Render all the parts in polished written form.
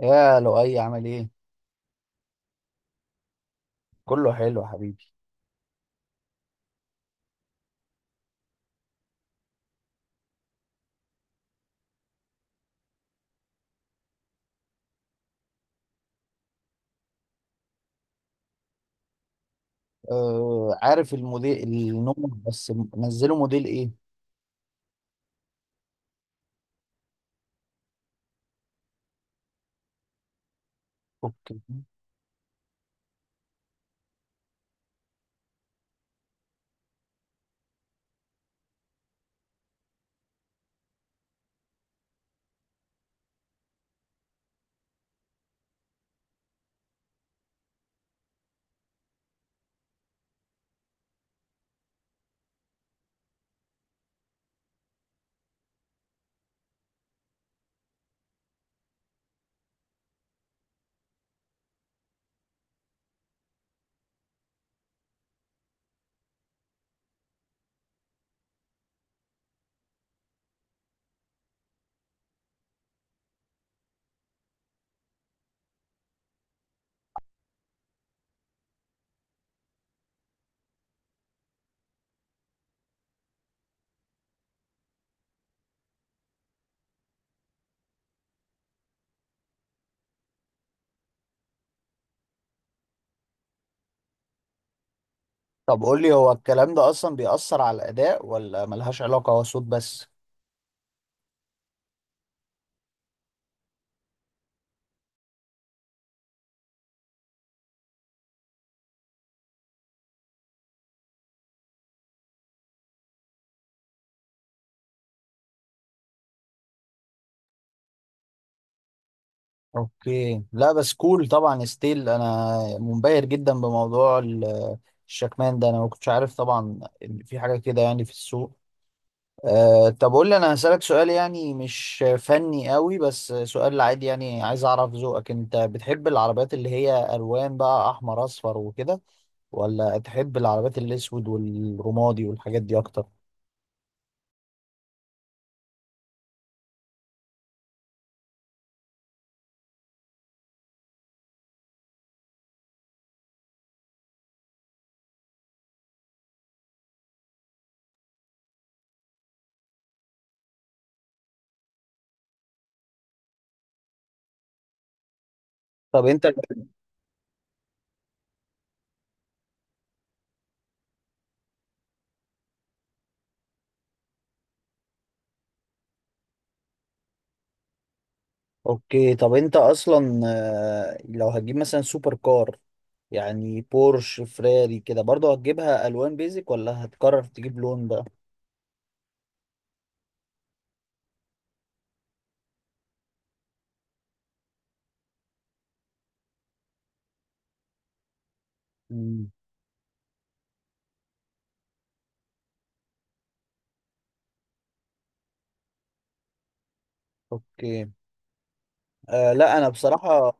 يا لؤي، عامل ايه؟ كله حلو يا حبيبي. آه، عارف الموديل. النوم بس نزله موديل ايه؟ اوكي. طب قول لي، هو الكلام ده اصلا بيأثر على الاداء ولا ملهاش علاقة، هو صوت بس؟ اوكي، لا بس كول طبعا. ستيل انا منبهر جدا بموضوع الشكمان ده. انا ما كنتش عارف طبعا ان في حاجة كده، يعني في السوق. أه طب قول لي، انا هسألك سؤال يعني مش فني قوي، بس سؤال عادي يعني عايز اعرف ذوقك. انت بتحب العربيات اللي هي الوان بقى، احمر اصفر وكده، ولا تحب العربيات الاسود والرمادي والحاجات دي اكتر؟ طب انت اوكي. طب انت اصلا لو هتجيب مثلا سوبر كار، يعني بورش فراري كده، برضه هتجيبها الوان بيزك ولا هتقرر تجيب لون بقى؟ مم. اوكي. لا انا بصراحة.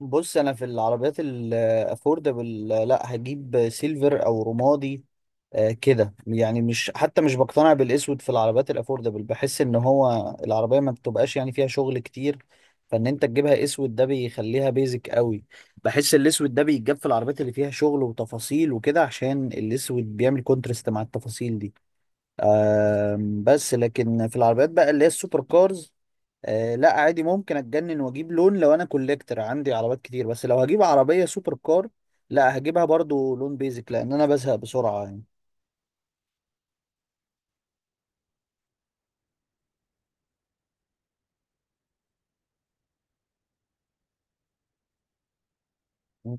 بص، انا في العربيات الافوردبل لا هجيب سيلفر او رمادي. كده يعني، مش حتى مش بقتنع بالاسود في العربيات الافوردبل. بحس ان هو العربيه ما بتبقاش يعني فيها شغل كتير، فان انت تجيبها اسود ده بيخليها بيزك قوي. بحس الاسود ده بيتجاب في العربيات اللي فيها شغل وتفاصيل وكده، عشان الاسود بيعمل كونترست مع التفاصيل دي. بس لكن في العربيات بقى اللي هي السوبر كارز، لا عادي ممكن اتجنن واجيب لون. لو انا كوليكتر عندي عربيات كتير، بس لو هجيب عربية سوبر كار لا هجيبها برضو لون بيزك، لان انا بزهق بسرعة يعني. مم.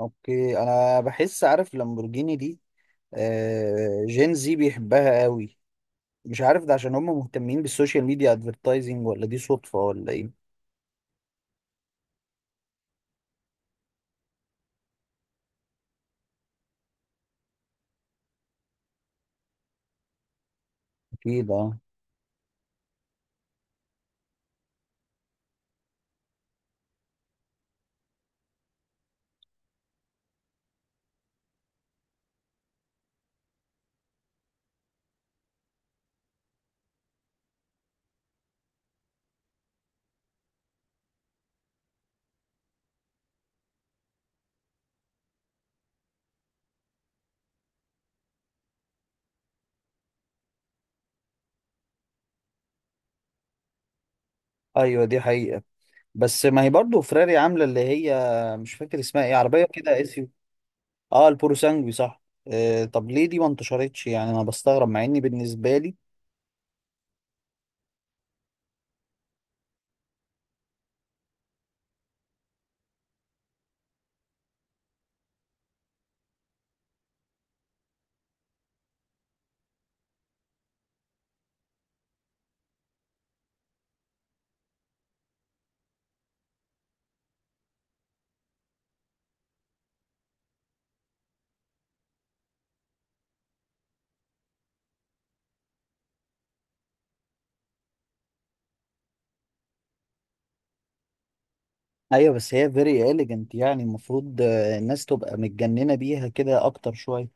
اوكي. انا بحس، عارف لامبورجيني دي؟ آه جين زي بيحبها قوي. مش عارف ده عشان هم مهتمين بالسوشيال ميديا ادفرتايزنج، ولا دي صدفة ولا ايه. اكيد، اه. ايوه دي حقيقة. بس ما هي برضو فراري عاملة اللي هي، مش فاكر اسمها ايه، عربية كده اس. اه، البورو سانجوي، صح. آه طب ليه دي ما انتشرتش؟ يعني انا بستغرب، مع اني بالنسبه لي. ايوه بس هي فيري اليجنت، يعني المفروض الناس تبقى متجننه بيها كده اكتر شويه.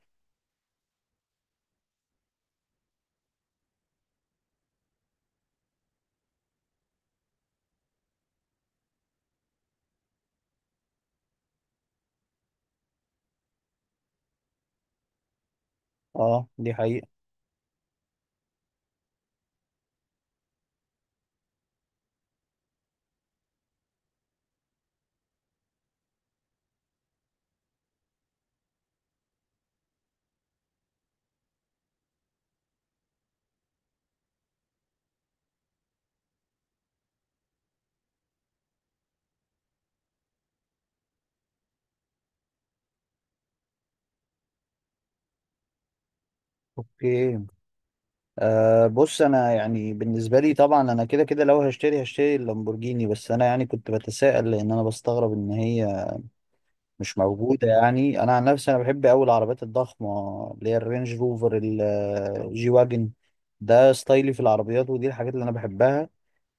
اه دي حقيقه. اوكي. بص انا، يعني بالنسبه لي طبعا انا كده كده لو هشتري هشتري اللامبورجيني. بس انا يعني كنت بتساءل لان انا بستغرب ان هي مش موجوده. يعني انا عن نفسي انا بحب قوي العربيات الضخمه، اللي هي الرينج روفر، الجي واجن. ده ستايلي في العربيات، ودي الحاجات اللي انا بحبها.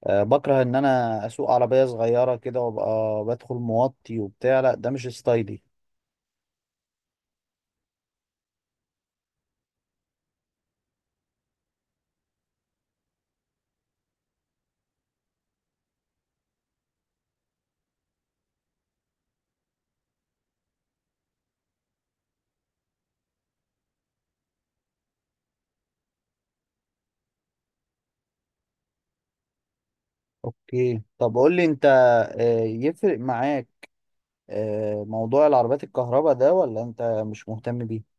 بكره ان انا اسوق عربيه صغيره كده، وابقى بدخل موطي وبتاع. لا ده مش ستايلي. اوكي طب قول لي انت، يفرق معاك موضوع العربيات الكهرباء ده، ولا انت مش مهتم بيه؟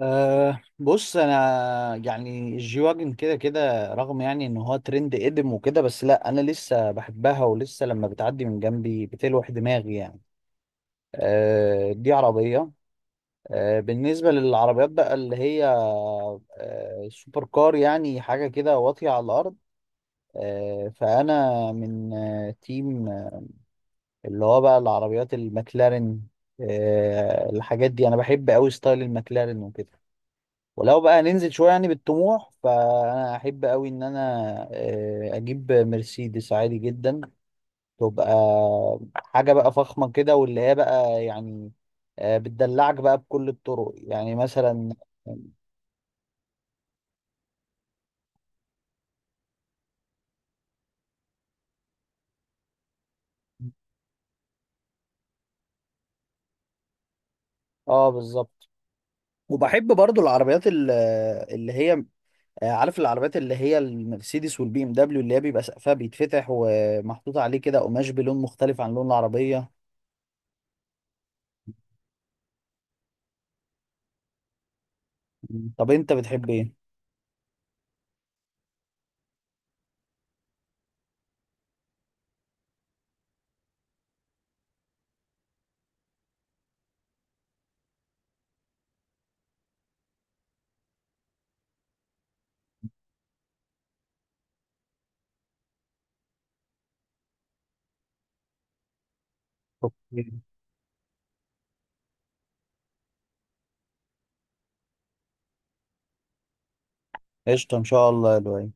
أه بص، انا يعني الجي واجن كده كده، رغم يعني ان هو ترند قدم وكده، بس لا انا لسه بحبها، ولسه لما بتعدي من جنبي بتلوح دماغي يعني. أه دي عربية. بالنسبة للعربيات بقى اللي هي سوبر كار، يعني حاجة كده واطية على الأرض، فأنا من تيم اللي هو بقى العربيات المكلارين. الحاجات دي أنا بحب أوي ستايل المكلارين وكده. ولو بقى ننزل شوية يعني بالطموح، فأنا أحب أوي إن أنا أجيب مرسيدس عادي جدا، تبقى حاجة بقى فخمة كده، واللي هي بقى يعني بتدلعك بقى بكل الطرق، يعني مثلا. اه بالظبط. وبحب برضو العربيات اللي هي عارف العربيات اللي هي المرسيدس والبي ام دبليو، اللي هي بيبقى سقفها بيتفتح ومحطوط عليه كده قماش بلون مختلف عن لون العربية؟ مم. طب انت بتحب ايه؟ اوكي. قشطة ان شاء الله يا لؤي.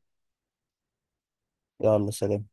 يلا سلام.